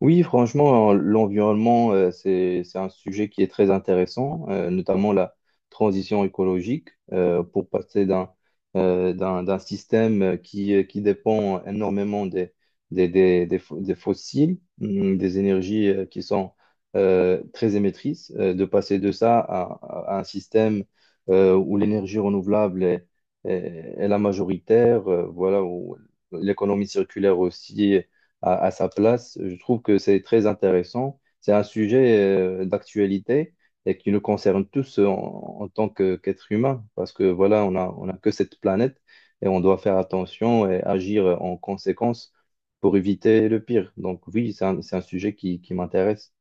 Oui, franchement, l'environnement, c'est un sujet qui est très intéressant, notamment la transition écologique, pour passer d'un système qui dépend énormément des fossiles, des énergies qui sont très émettrices, de passer de ça à un système où l'énergie renouvelable est la majoritaire, voilà, où l'économie circulaire aussi à sa place. Je trouve que c'est très intéressant. C'est un sujet d'actualité et qui nous concerne tous en tant qu'être humain, parce que voilà, on a que cette planète et on doit faire attention et agir en conséquence pour éviter le pire. Donc oui, c'est un sujet qui m'intéresse.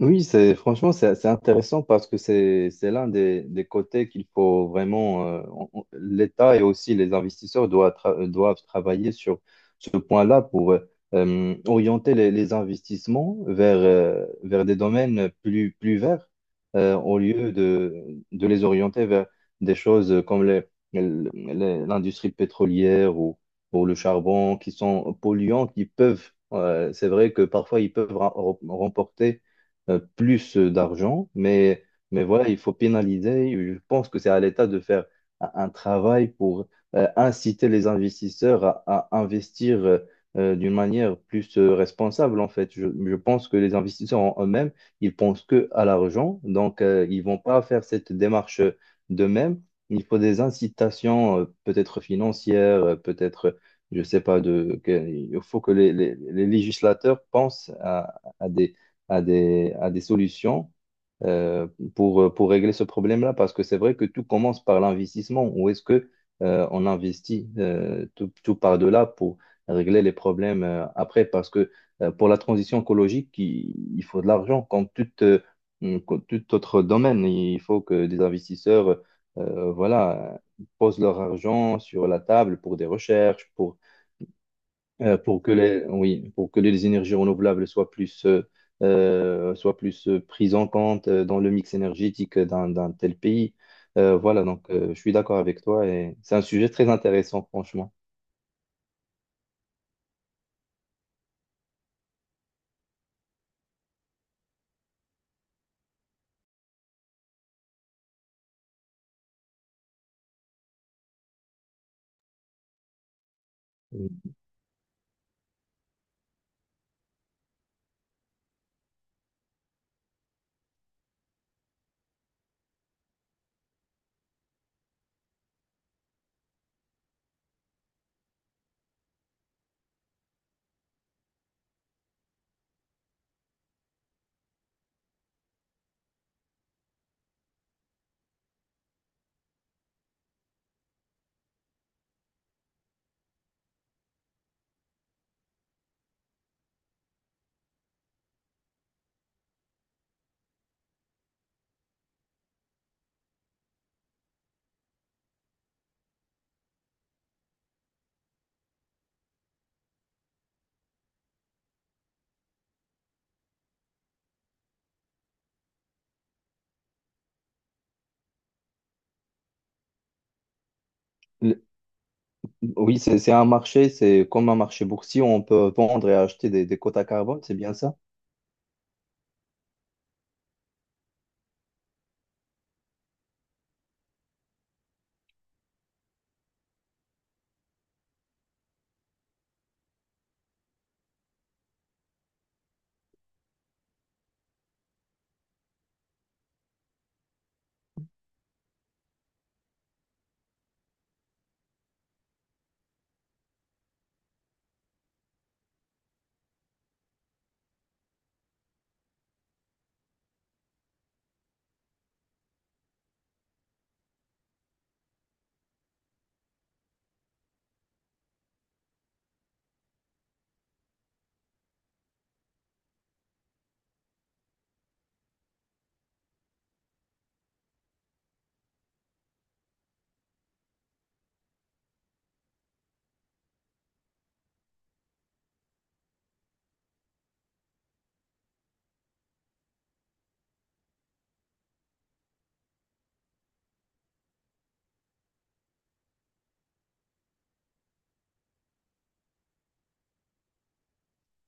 Oui, c'est franchement, c'est intéressant parce que c'est l'un des côtés qu'il faut vraiment, l'État et aussi les investisseurs doivent travailler sur ce point-là pour orienter les investissements vers des domaines plus verts au lieu de les orienter vers des choses comme l'industrie pétrolière ou le charbon qui sont polluants, qui peuvent c'est vrai que parfois ils peuvent remporter plus d'argent, mais voilà, il faut pénaliser. Je pense que c'est à l'État de faire un travail pour inciter les investisseurs à investir d'une manière plus responsable, en fait. Je pense que les investisseurs en eux-mêmes, ils pensent que à l'argent, donc ils vont pas faire cette démarche d'eux-mêmes. Il faut des incitations, peut-être financières, peut-être, je sais pas, il faut que les législateurs pensent à des solutions euh, pour régler ce problème-là, parce que c'est vrai que tout commence par l'investissement. Où est-ce que on investit tout, tout par de là pour régler les problèmes après? Parce que pour la transition écologique, il faut de l'argent, comme tout autre domaine. Il faut que des investisseurs voilà, posent leur argent sur la table pour des recherches, oui, pour que les énergies renouvelables soient plus prises en compte dans le mix énergétique d'un tel pays. Voilà, donc je suis d'accord avec toi et c'est un sujet très intéressant, franchement. Le- Oui, c'est un marché, c'est comme un marché boursier, où on peut vendre et acheter des quotas carbone, c'est bien ça?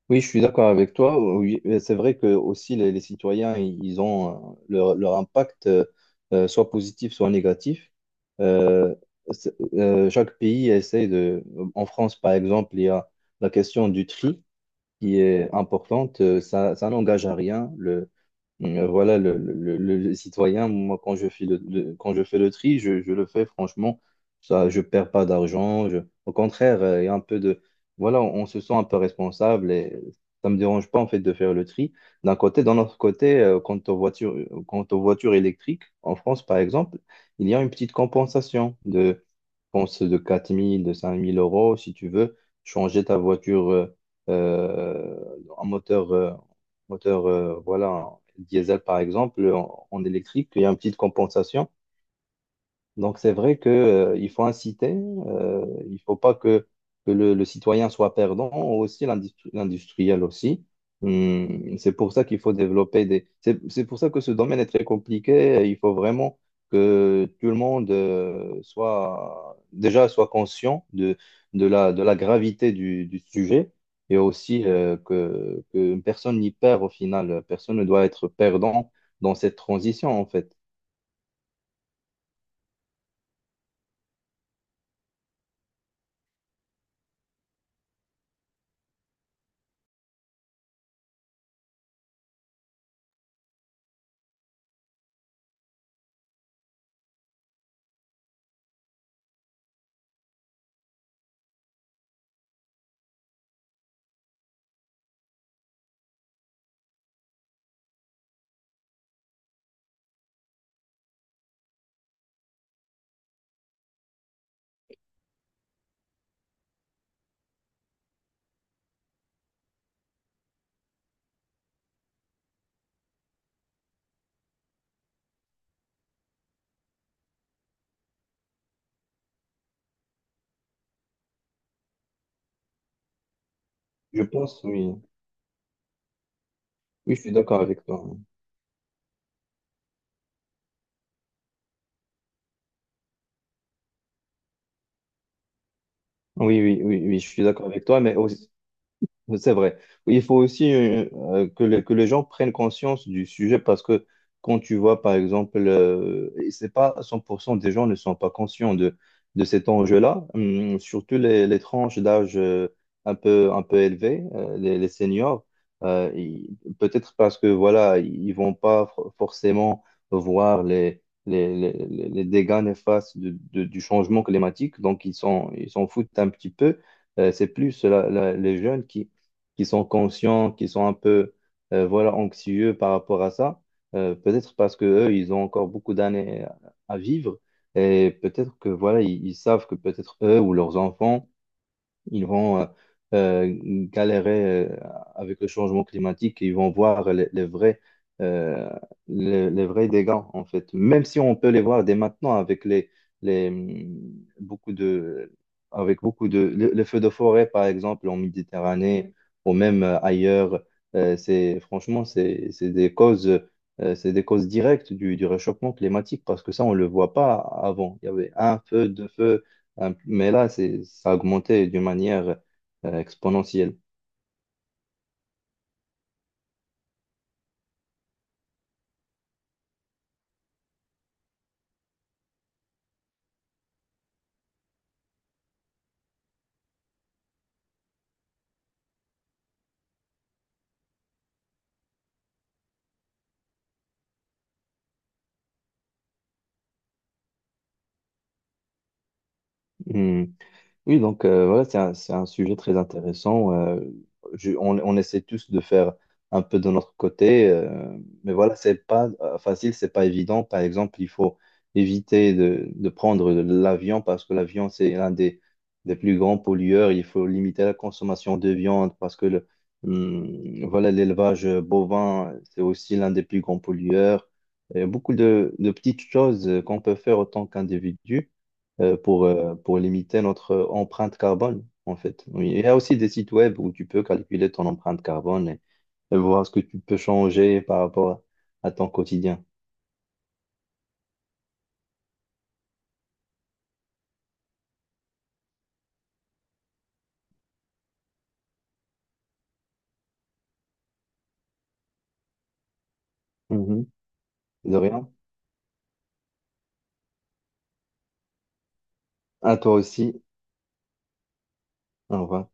Oui, je suis d'accord avec toi. Oui, c'est vrai que aussi les citoyens, ils ont leur impact, soit positif, soit négatif. Euh, Chaque pays essaie de. En France, par exemple, il y a la question du tri qui est importante. Ça, ça n'engage à rien. Voilà, le citoyen, moi, quand je fais quand je fais le tri, je le fais franchement. Ça, je perds pas d'argent. Au contraire, il y a un peu de... Voilà, on se sent un peu responsable et ça me dérange pas, en fait, de faire le tri. D'un côté, d'un autre côté, quant aux voitures, électriques, en France, par exemple, il y a une petite compensation de, pense, de 4 000, de 5 000 euros, si tu veux changer ta voiture euh, en moteur, voilà, diesel par exemple, en électrique, il y a une petite compensation. Donc c'est vrai que, il faut inciter, il faut pas que le citoyen soit perdant, aussi l'industriel aussi. C'est pour ça qu'il faut développer des... C'est pour ça que ce domaine est très compliqué. Il faut vraiment que tout le monde soit déjà soit conscient de la gravité du sujet et aussi que personne n'y perd au final. Personne ne doit être perdant dans cette transition en fait. Je pense, oui. Oui, je suis d'accord avec toi. Oui, oui, oui, oui, je suis d'accord avec toi, mais c'est vrai. Il faut aussi que les gens prennent conscience du sujet parce que quand tu vois, par exemple, et c'est pas 100% des gens ne sont pas conscients de cet enjeu-là. Surtout les tranches d'âge un peu élevées, les seniors, peut-être parce que voilà, ils vont pas forcément voir les dégâts néfastes du changement climatique, donc ils s'en foutent un petit peu. C'est plus les jeunes qui sont conscients, qui sont un peu voilà, anxieux par rapport à ça. Peut-être parce que eux, ils ont encore beaucoup d'années à vivre et peut-être que voilà, ils savent que peut-être eux ou leurs enfants ils vont euh, galérer avec le changement climatique et ils vont voir euh, les vrais dégâts, en fait. Même si on peut les voir dès maintenant avec beaucoup de, avec beaucoup de, les feux de forêt, par exemple, en Méditerranée ou même ailleurs, c'est, franchement, c'est des causes. C'est des causes directes du réchauffement climatique parce que ça, on ne le voit pas avant. Il y avait un feu, deux feux, mais là, ça a augmenté d'une manière exponentielle. Hmm. Oui, donc voilà, c'est un sujet très intéressant. On essaie tous de faire un peu de notre côté, mais voilà, c'est pas facile, c'est pas évident. Par exemple, il faut éviter de prendre l'avion parce que l'avion, c'est l'un des plus grands pollueurs. Il faut limiter la consommation de viande parce que voilà, l'élevage bovin, c'est aussi l'un des plus grands pollueurs. Il y a beaucoup de petites choses qu'on peut faire en tant qu'individu pour limiter notre empreinte carbone, en fait. Oui, il y a aussi des sites web où tu peux calculer ton empreinte carbone et voir ce que tu peux changer par rapport à ton quotidien. Mhm. De rien. À toi aussi. Au revoir.